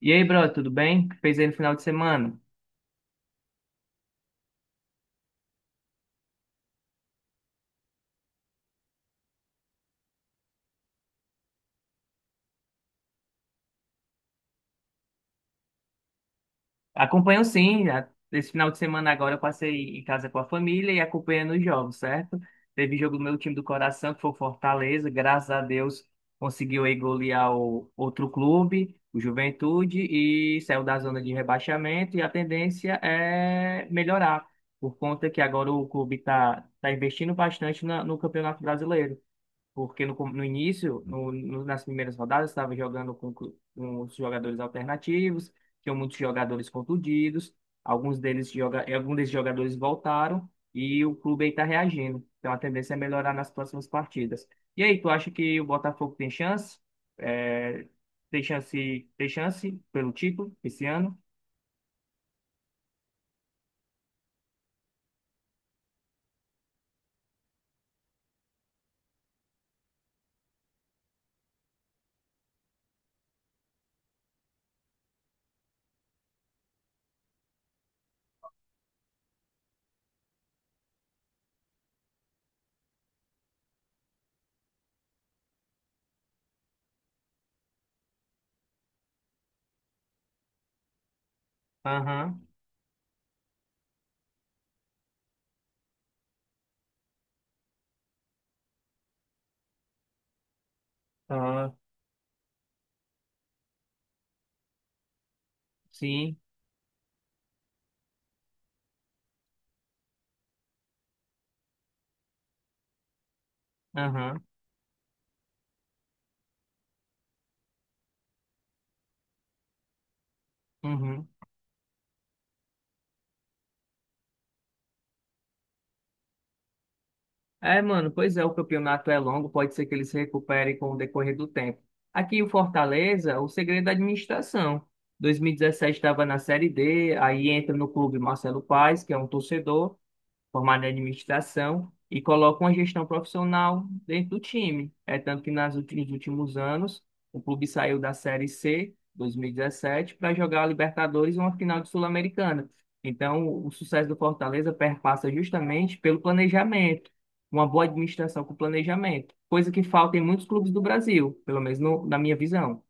E aí, brother, tudo bem? O que fez aí no final de semana? Acompanho sim. Esse final de semana agora eu passei em casa com a família e acompanhando os jogos, certo? Teve jogo do meu time do coração, que foi o Fortaleza. Graças a Deus conseguiu aí golear o outro clube, o Juventude, e saiu da zona de rebaixamento. E a tendência é melhorar, por conta que agora o clube está investindo bastante no Campeonato Brasileiro. Porque no início, nas primeiras rodadas, estava jogando com os jogadores alternativos, tinham muitos jogadores contundidos, alguns desses jogadores voltaram e o clube aí está reagindo. Então a tendência é melhorar nas próximas partidas. E aí, tu acha que o Botafogo tem chance? É, tem chance pelo título esse ano? Aham, ah, sim, aham, uhum. É, mano, pois é, o campeonato é longo, pode ser que eles se recuperem com o decorrer do tempo. Aqui o Fortaleza, o segredo da administração. 2017 estava na Série D, aí entra no clube Marcelo Paes, que é um torcedor, formado em administração e coloca uma gestão profissional dentro do time. É tanto que nos últimos anos, o clube saiu da Série C, 2017, para jogar a Libertadores e uma final de Sul-Americana. Então, o sucesso do Fortaleza perpassa justamente pelo planejamento, uma boa administração com planejamento, coisa que falta em muitos clubes do Brasil, pelo menos na minha visão.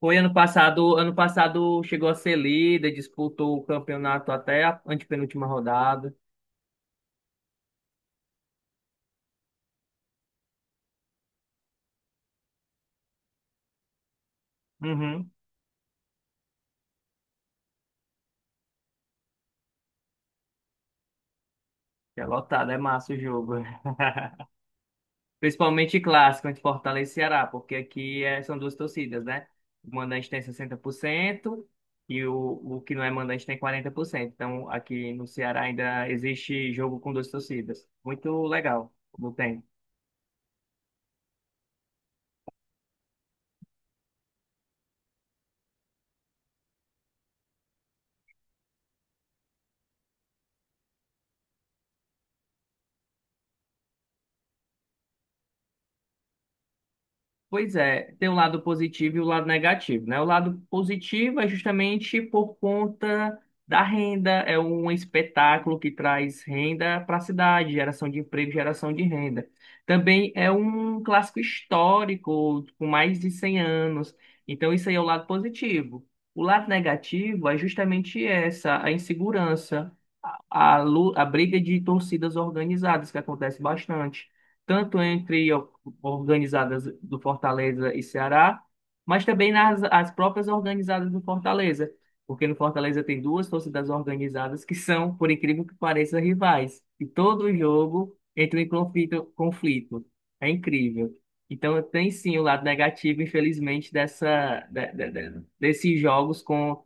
Foi ano passado chegou a ser líder, disputou o campeonato até a antepenúltima rodada. Uhum. É lotado, é massa o jogo. Principalmente clássico entre Fortaleza e Ceará, porque são duas torcidas, né? O mandante tem 60% e o que não é mandante tem 40%. Então aqui no Ceará ainda existe jogo com duas torcidas. Muito legal, como tem. Pois é, tem o lado positivo e o lado negativo, né? O lado positivo é justamente por conta da renda, é um espetáculo que traz renda para a cidade, geração de emprego, geração de renda. Também é um clássico histórico com mais de 100 anos, então isso aí é o lado positivo. O lado negativo é justamente essa, a insegurança, a briga de torcidas organizadas que acontece bastante tanto entre organizadas do Fortaleza e Ceará, mas também nas as próprias organizadas do Fortaleza, porque no Fortaleza tem duas torcidas organizadas que são, por incrível que pareça, rivais, e todo jogo entra em conflito. É incrível. Então tem sim o lado negativo, infelizmente, dessa de- desses jogos com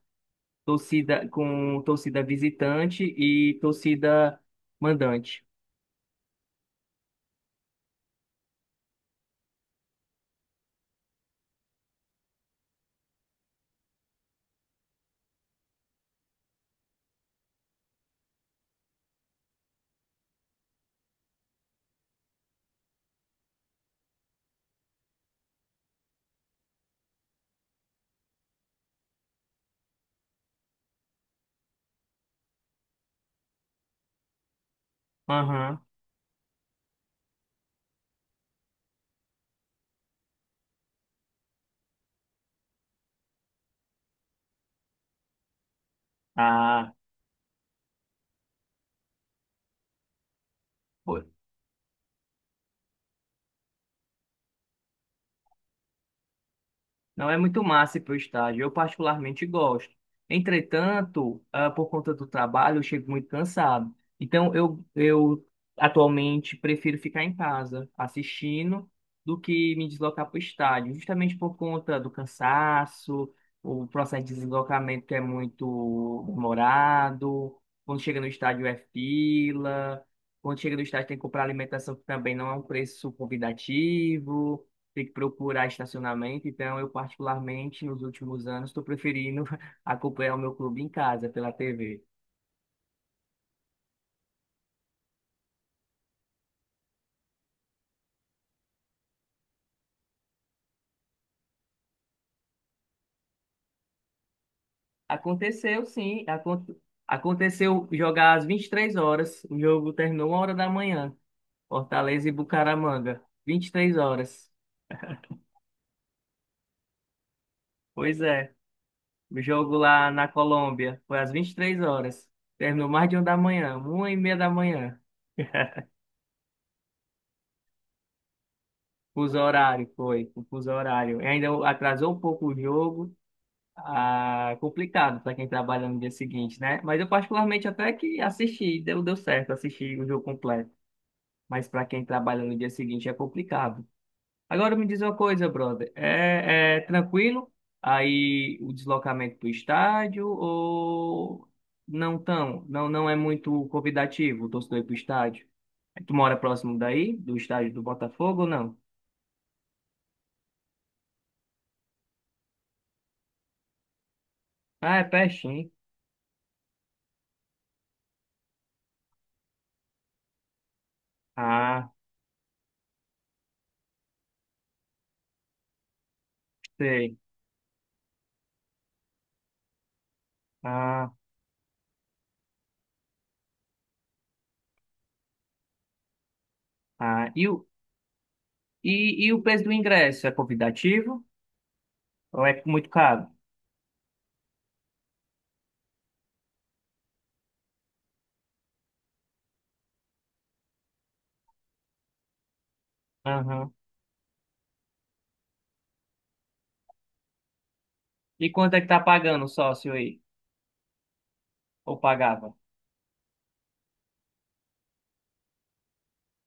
torcida visitante e torcida mandante. Aham. Ah, pô, não é muito massa ir para o estádio, eu particularmente gosto. Entretanto, ah, por conta do trabalho, eu chego muito cansado. Então, eu atualmente prefiro ficar em casa assistindo do que me deslocar para o estádio, justamente por conta do cansaço, o processo de deslocamento que é muito demorado. Quando chega no estádio é fila, quando chega no estádio tem que comprar alimentação que também não é um preço convidativo, ter que procurar estacionamento. Então, eu particularmente, nos últimos anos, estou preferindo acompanhar o meu clube em casa, pela TV. Aconteceu, sim. Aconteceu jogar às 23 horas. O jogo terminou 1 hora da manhã. Fortaleza e Bucaramanga. 23 horas. Pois é. O jogo lá na Colômbia foi às 23 horas. Terminou mais de uma da manhã, uma e meia da manhã. Fuso horário, foi, fuso horário. E ainda atrasou um pouco o jogo. Ah, complicado para quem trabalha no dia seguinte, né? Mas eu particularmente até que assisti, deu certo assistir o jogo completo. Mas para quem trabalha no dia seguinte é complicado. Agora me diz uma coisa, brother. É tranquilo aí o deslocamento para o estádio ou não tão? Não, não é muito convidativo o torcedor ir para o estádio? É, tu mora próximo daí, do estádio do Botafogo ou não? Ah, é pertinho. Ah, sei. Ah, ah. E o, e, e o preço do ingresso é convidativo ou é muito caro? Aham. E quanto é que tá pagando o sócio aí? Ou pagava?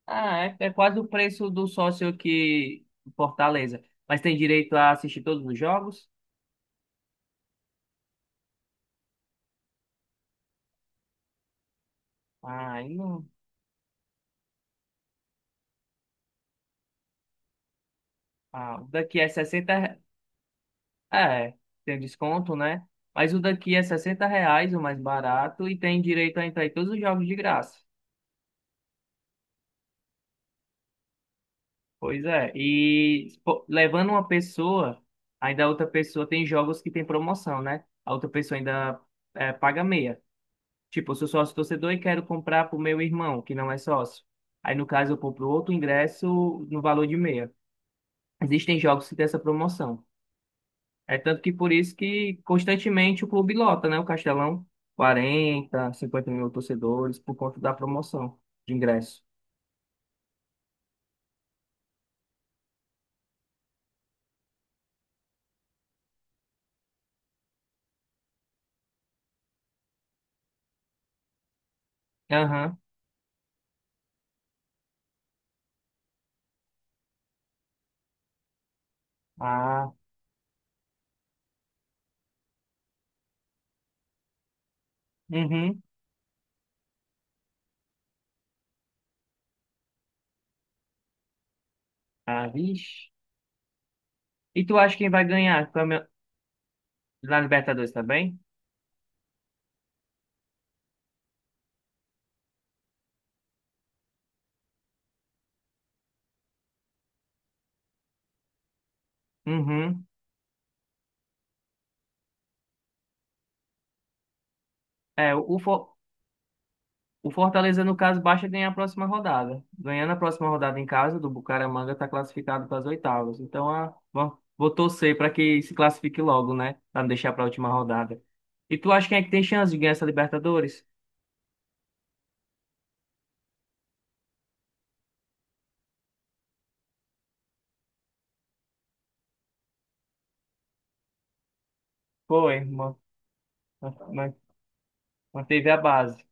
Ah, é, é quase o preço do sócio aqui em Fortaleza. Mas tem direito a assistir todos os jogos? Ah, aí não. Ah, o daqui é 60, re- é, tem um desconto, né? Mas o daqui é 60 reais, o mais barato, e tem direito a entrar em todos os jogos de graça. Pois é, e pô, levando uma pessoa, ainda a outra pessoa tem jogos que tem promoção, né? A outra pessoa ainda é, paga meia. Tipo, eu sou sócio torcedor e quero comprar pro meu irmão, que não é sócio. Aí, no caso, eu compro outro ingresso no valor de meia. Existem jogos que têm essa promoção. É tanto que por isso que constantemente o clube lota, né? O Castelão, 40, 50 mil torcedores por conta da promoção de ingresso. Aham. Ah, uhum. Ah, vixe. E tu acha quem vai ganhar na Libertadores também? Uhum. É, o, For- o Fortaleza, no caso, basta ganhar a próxima rodada. Ganhando a próxima rodada em casa, do Bucaramanga está classificado para as oitavas. Então, ah, bom, vou torcer para que se classifique logo, né? Para não deixar para a última rodada. E tu acha quem é que tem chance de ganhar essa Libertadores? Foi, ma- ma- manteve a base.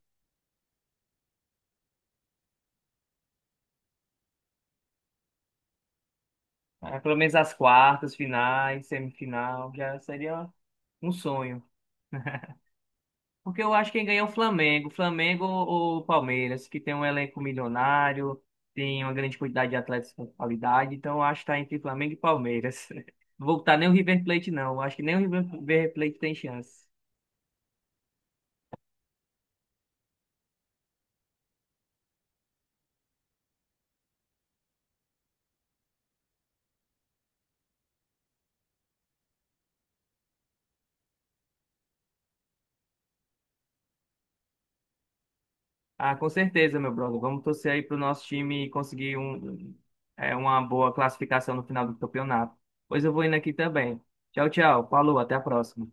Ah, pelo menos as quartas, finais, semifinal, já seria um sonho. Porque eu acho que quem ganha é o Flamengo, Flamengo ou Palmeiras, que tem um elenco milionário, tem uma grande quantidade de atletas com qualidade, então eu acho que está entre Flamengo e Palmeiras. Voltar nem o River Plate, não. Eu acho que nem o River Plate tem chance. Ah, com certeza, meu brother. Vamos torcer aí pro nosso time conseguir um, é, uma boa classificação no final do campeonato. Pois eu vou indo aqui também. Tchau, tchau. Falou, até a próxima.